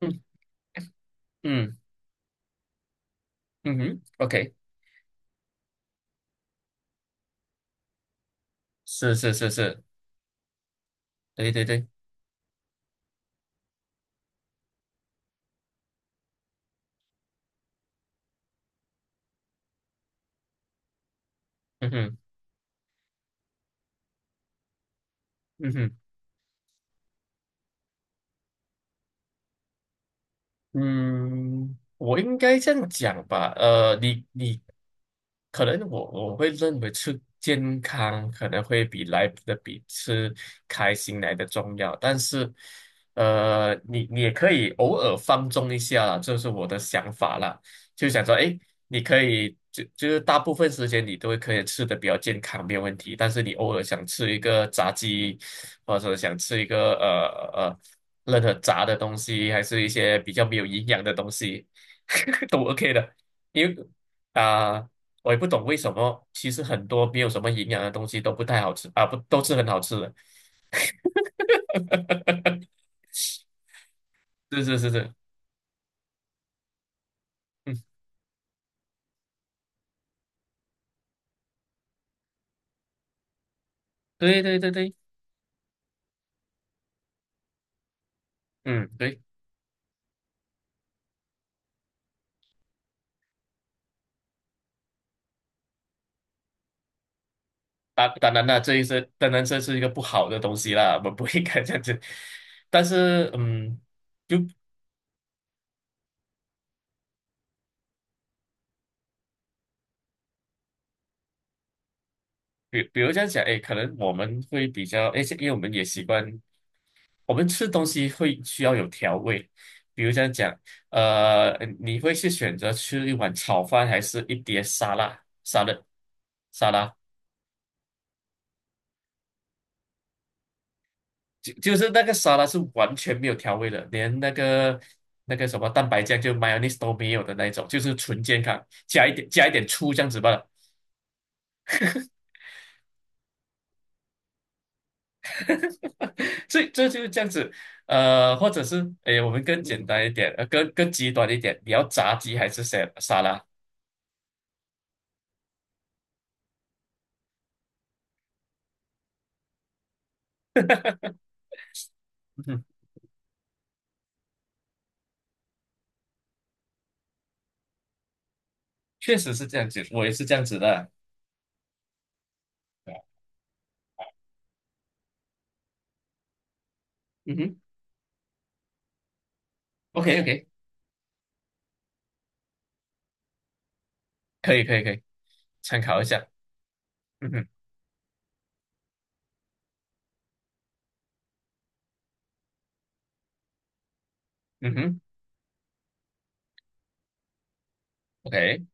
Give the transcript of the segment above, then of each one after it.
嗯嗯嗯哼，OK，是是是是，对对对，嗯哼嗯哼。嗯，我应该这样讲吧，你可能我会认为吃健康可能会比来的比吃开心来的重要，但是你也可以偶尔放纵一下啦，这是我的想法啦，就想说，哎，你可以就是大部分时间你都会可以吃的比较健康，没有问题，但是你偶尔想吃一个炸鸡，或者想吃一个。任何炸的东西，还是一些比较没有营养的东西，都 OK 的。因为啊、我也不懂为什么，其实很多没有什么营养的东西都不太好吃啊，不都是很好吃的。是是是是，嗯，对对对对，嗯对，当然了，这一是当然这是一个不好的东西啦，我们不应该这样子。但是就比如这样讲，哎，可能我们会比较，哎，因为我们也习惯。我们吃东西会需要有调味，比如这样讲，你会是选择吃一碗炒饭，还是一碟沙拉？沙拉，沙拉，就是那个沙拉是完全没有调味的，连那个什么蛋白酱就 mayonnaise 都没有的那一种，就是纯健康，加一点加一点醋这样子罢了。所以这就是这样子，或者是诶，我们更简单一点，更极端一点，你要炸鸡还是沙拉？嗯哼，确实是这样子，我也是这样子的。嗯哼，OK OK，可以可以可以，参考一下。嗯哼，嗯哼，OK，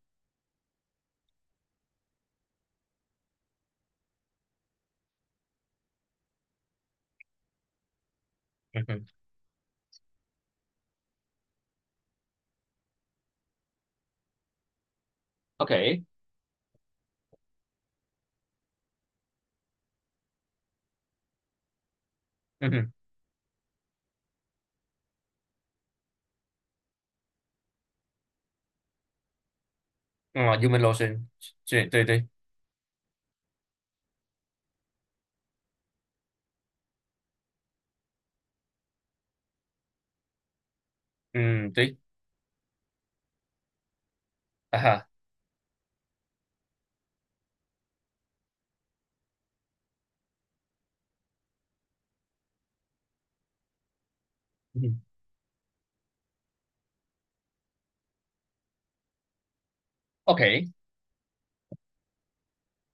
嗯哼，OK，嗯哼，human lotion，对对对，嗯对，啊哈，嗯哼，OK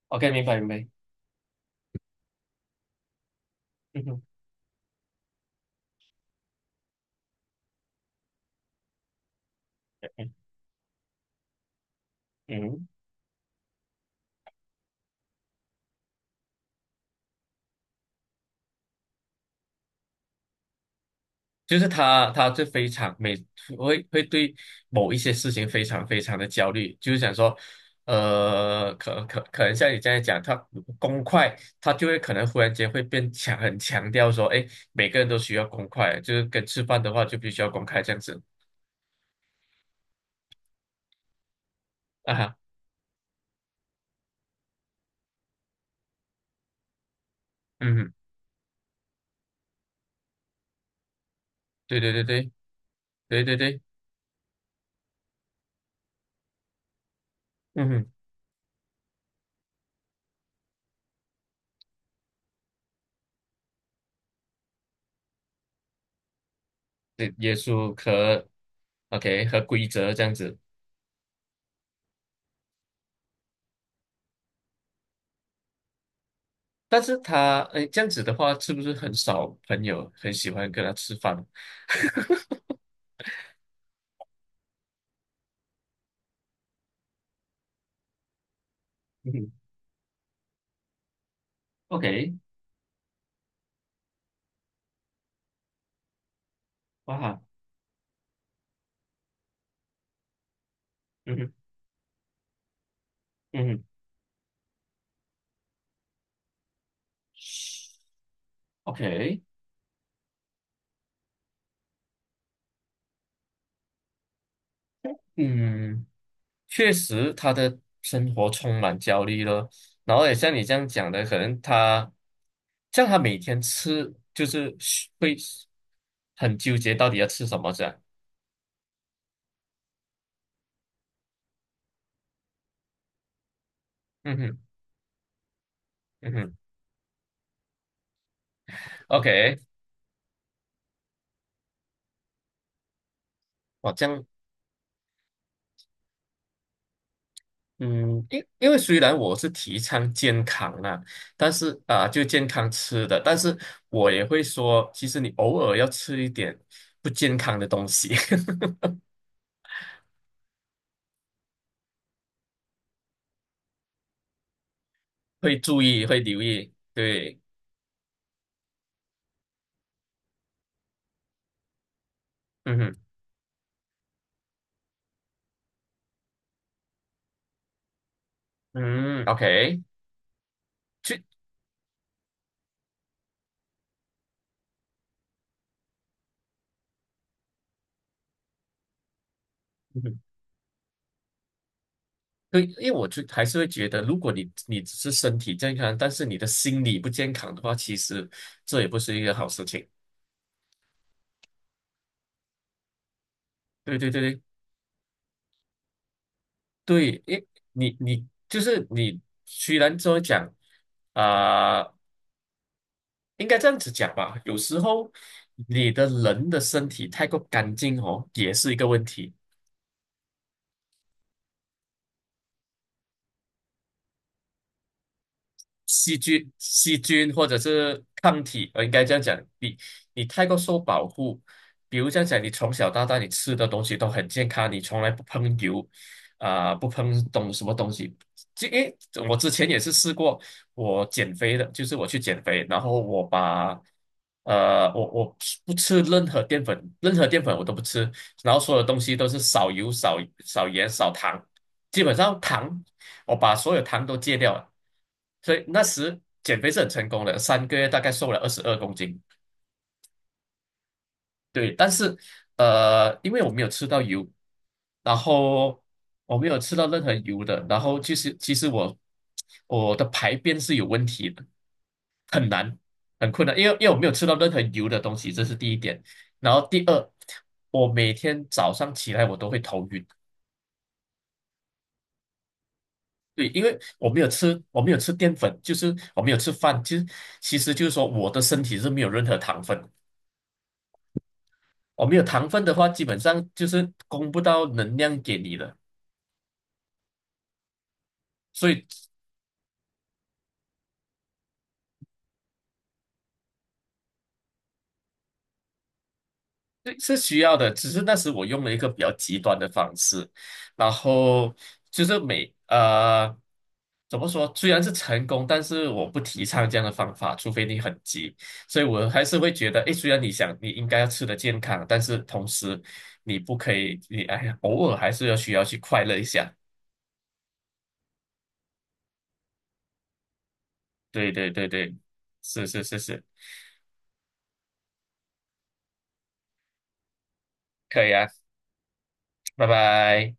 OK，明白明白，嗯哼，嗯嗯。就是他就非常会对某一些事情非常非常的焦虑，就是想说，可能像你这样讲，他公筷，他就会可能忽然间会变强，很强调说，哎，每个人都需要公筷，就是跟吃饭的话就必须要公筷这样子啊哈，嗯哼对对对对对对对，嗯哼，对耶稣和 OK 和规则这样子，但是他哎这样子的话，是不是很少朋友很喜欢跟他吃饭？OK，哇，嗯哼，嗯哼，OK，嗯，确实他的生活充满焦虑了。然后也像你这样讲的，可能他像他每天吃，就是会很纠结到底要吃什么这样。嗯哼，嗯哼，OK，我这样，嗯，因为虽然我是提倡健康啦，但是啊、就健康吃的，但是我也会说，其实你偶尔要吃一点不健康的东西。会注意，会留意，对，嗯哼，嗯，OK，就，嗯哼，对，因为我就还是会觉得，如果你只是身体健康，但是你的心理不健康的话，其实这也不是一个好事情。对对对对对，因你就是你，虽然说讲啊、应该这样子讲吧，有时候你的人的身体太过干净哦，也是一个问题。细菌或者是抗体，我应该这样讲，你太过受保护，比如这样讲，你从小到大你吃的东西都很健康，你从来不碰油，不碰什么东西。这诶，我之前也是试过，我减肥的，就是我去减肥，我不吃任何淀粉，任何淀粉我都不吃，然后所有东西都是少油、少盐、少糖，基本上糖，我把所有糖都戒掉了。所以那时减肥是很成功的，3个月大概瘦了22公斤。对，但是因为我没有吃到油，然后我没有吃到任何油的，然后其实我的排便是有问题的，很难很困难，因为我没有吃到任何油的东西，这是第一点。然后第二，我每天早上起来我都会头晕。对，因为我没有吃淀粉，就是我没有吃饭，其实就是说我的身体是没有任何糖分的。我没有糖分的话，基本上就是供不到能量给你的，所以这是需要的。只是那时我用了一个比较极端的方式，然后就是怎么说，虽然是成功，但是我不提倡这样的方法，除非你很急。所以我还是会觉得，诶，虽然你想你应该要吃的健康，但是同时你不可以，你哎呀，偶尔还是要需要去快乐一下。对对对对，是是是是，可以啊，拜拜。